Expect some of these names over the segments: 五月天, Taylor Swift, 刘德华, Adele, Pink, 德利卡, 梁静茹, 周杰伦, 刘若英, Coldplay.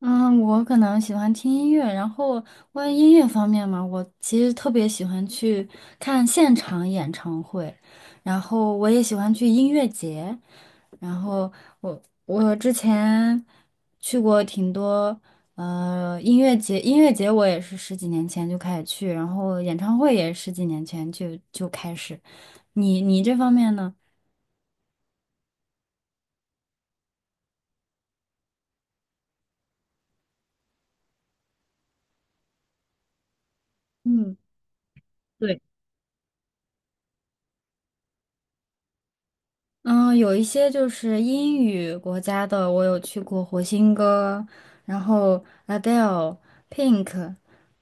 嗯，我可能喜欢听音乐，然后关于音乐方面嘛，我其实特别喜欢去看现场演唱会，然后我也喜欢去音乐节，然后我我之前去过挺多音乐节，音乐节我也是十几年前就开始去，然后演唱会也十几年前就开始，你这方面呢？嗯。对。嗯，有一些就是英语国家的，我有去过火星哥，然后 Adele、Pink，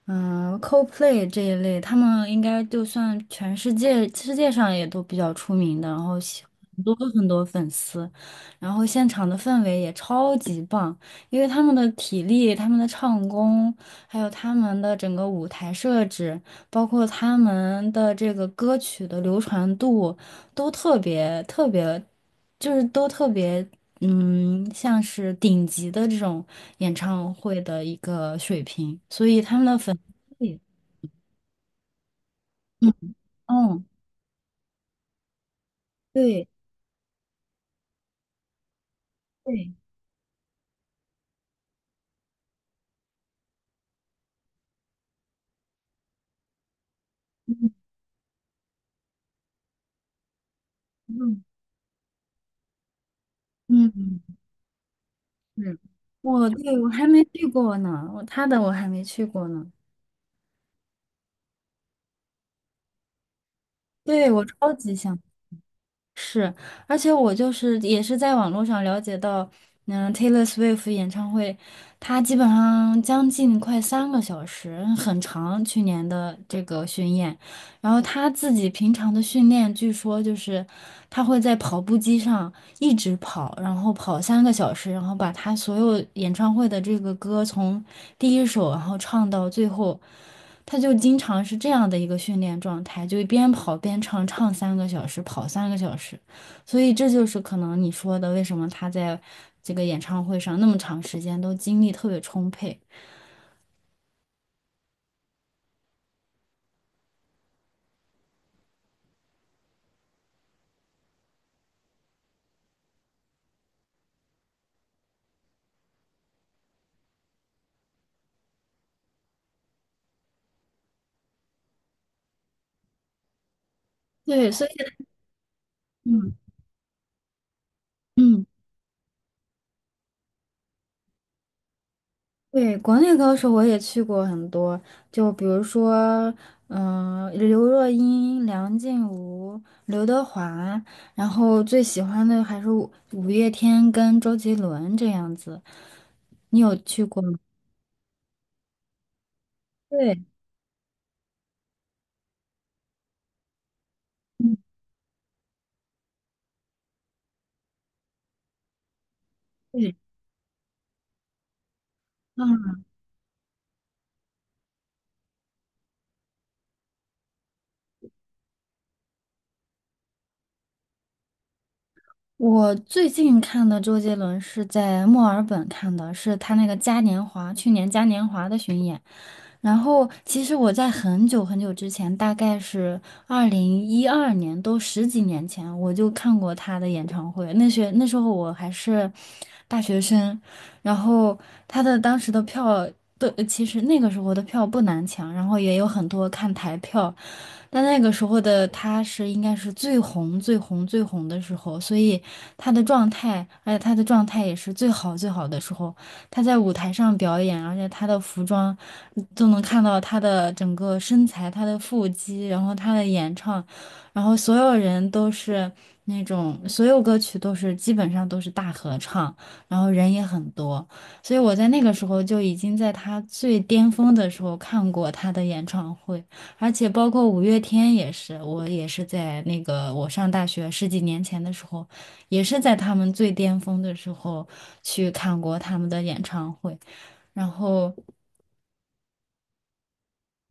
嗯，Coldplay 这一类，他们应该就算全世界也都比较出名的，然后很多很多粉丝，然后现场的氛围也超级棒，因为他们的体力、他们的唱功，还有他们的整个舞台设置，包括他们的这个歌曲的流传度，都特别特别，就是都特别，嗯，像是顶级的这种演唱会的一个水平，所以他们的粉丝也，嗯嗯，对对，嗯嗯嗯，是，我，对，我还没去过呢，我他的我还没去过呢，对，我超级想。是，而且我就是也是在网络上了解到，嗯，Taylor Swift 演唱会，它基本上将近快三个小时，很长。去年的这个巡演，然后他自己平常的训练，据说就是他会在跑步机上一直跑，然后跑三个小时，然后把他所有演唱会的这个歌从第一首，然后唱到最后，他就经常是这样的一个训练状态，就边跑边唱，唱三个小时，跑三个小时，所以这就是可能你说的为什么他在这个演唱会上那么长时间都精力特别充沛。对，所以嗯嗯。对，国内高手我也去过很多，就比如说，嗯、刘若英、梁静茹、刘德华，然后最喜欢的还是五月天跟周杰伦这样子。你有去过吗？对，嗯，对，嗯，我最近看的周杰伦是在墨尔本看的，是他那个嘉年华，去年嘉年华的巡演。然后，其实我在很久很久之前，大概是2012年，都十几年前，我就看过他的演唱会。那时候我还是大学生，然后他的当时的票都，其实那个时候的票不难抢，然后也有很多看台票，但那个时候的他是应该是最红、最红、最红的时候，所以他的状态，而且他的状态也是最好、最好的时候。他在舞台上表演，而且他的服装都能看到他的整个身材、他的腹肌，然后他的演唱，然后所有人都是那种，所有歌曲都是基本上都是大合唱。然后人也很多，所以我在那个时候就已经在他最巅峰的时候看过他的演唱会，而且包括五月天也是，我也是在那个我上大学十几年前的时候，也是在他们最巅峰的时候去看过他们的演唱会，然后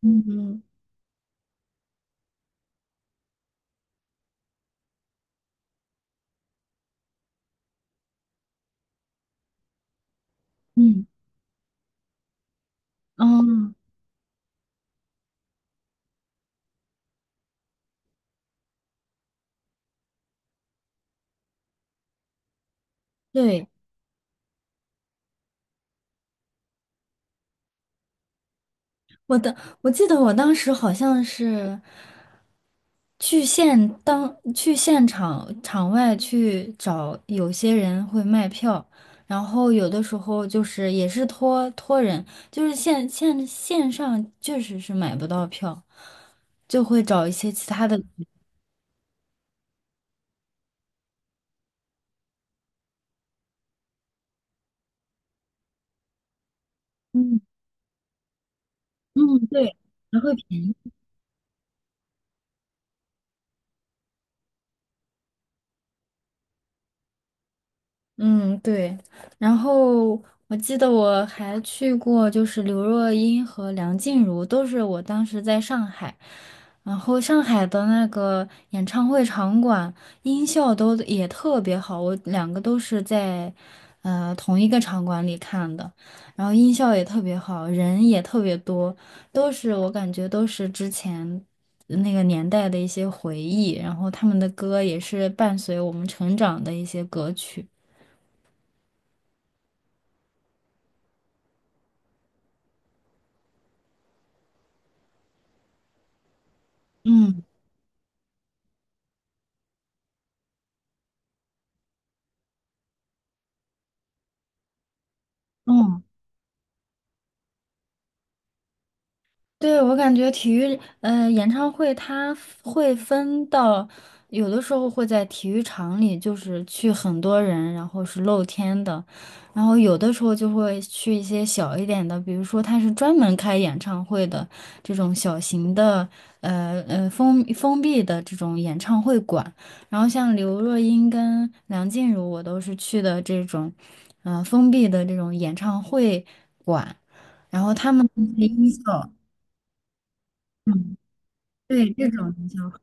嗯嗯嗯，对，我的，我记得我当时好像是。去现去现场外去找，有些人会卖票，然后有的时候就是也是托人，就是线上确实是买不到票，就会找一些其他的，嗯嗯，对，然后嗯，对。然后我记得我还去过，就是刘若英和梁静茹，都是我当时在上海。然后上海的那个演唱会场馆音效都也特别好，我两个都是在同一个场馆里看的，然后音效也特别好，人也特别多，都是我感觉都是之前那个年代的一些回忆，然后他们的歌也是伴随我们成长的一些歌曲。嗯嗯，对，我感觉体育，演唱会它会分到，有的时候会在体育场里，就是去很多人，然后是露天的，然后有的时候就会去一些小一点的，比如说它是专门开演唱会的这种小型的，封闭的这种演唱会馆，然后像刘若英跟梁静茹，我都是去的这种，封闭的这种演唱会馆。音效。嗯，对，这种比较好。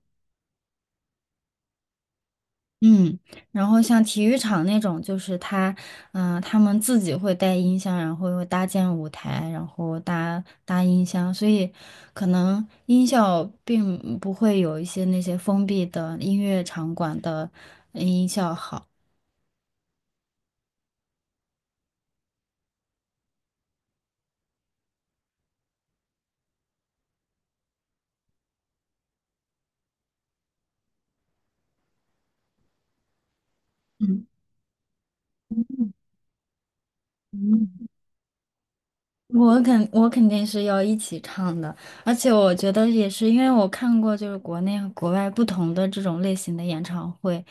嗯，然后像体育场那种，就是他，嗯、他们自己会带音箱，然后又搭建舞台，然后搭音箱，所以可能音效并不会有一些那些封闭的音乐场馆的音效好。我肯定是要一起唱的，而且我觉得也是，因为我看过就是国内和国外不同的这种类型的演唱会，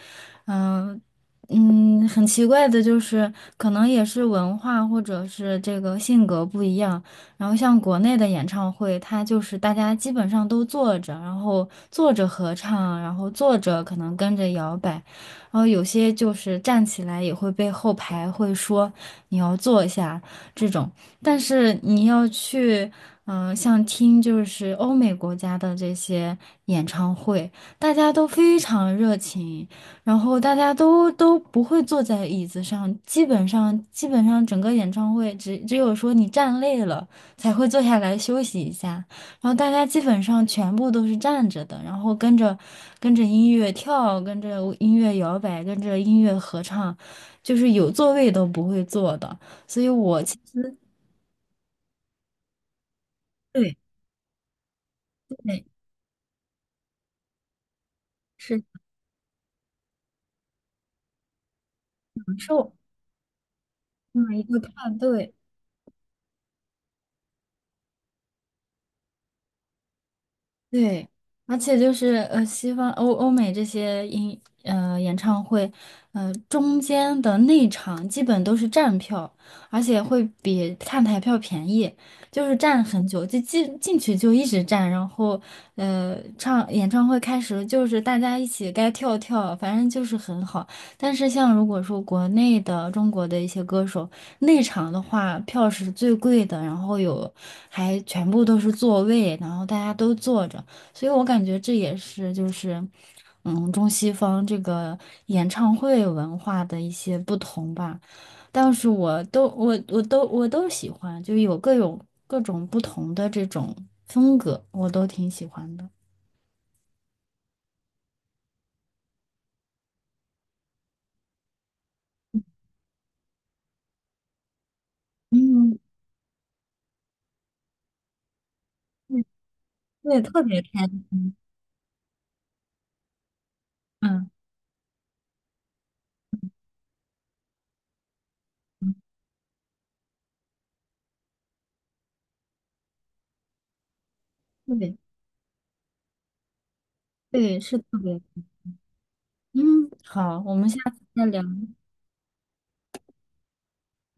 嗯、嗯，很奇怪的就是，可能也是文化或者是这个性格不一样，然后像国内的演唱会，它就是大家基本上都坐着，然后坐着合唱，然后坐着可能跟着摇摆，然后有些就是站起来也会被后排会说你要坐下这种。但是你要去，嗯、像听就是欧美国家的这些演唱会，大家都非常热情，然后大家都不会坐在椅子上，基本上整个演唱会只有说你站累了才会坐下来休息一下，然后大家基本上全部都是站着的，然后跟着音乐跳，跟着音乐摇摆，跟着音乐合唱，就是有座位都不会坐的，所以我其实对。对，是享受这么一个派对。对，而且就是西方欧美这些演唱会，中间的内场基本都是站票，而且会比看台票便宜，就是站很久，就进去就一直站，然后演唱会开始就是大家一起该跳跳，反正就是很好，但是像如果说国内的中国的一些歌手内场的话，票是最贵的，然后有还全部都是座位，然后大家都坐着，所以我感觉这也是就是中西方这个演唱会文化的一些不同吧。但是我都喜欢，就有各种各种不同的这种风格，我都挺喜欢的。嗯，对，对特别开心，嗯，特别对，是特别。嗯，好，我们下次再聊。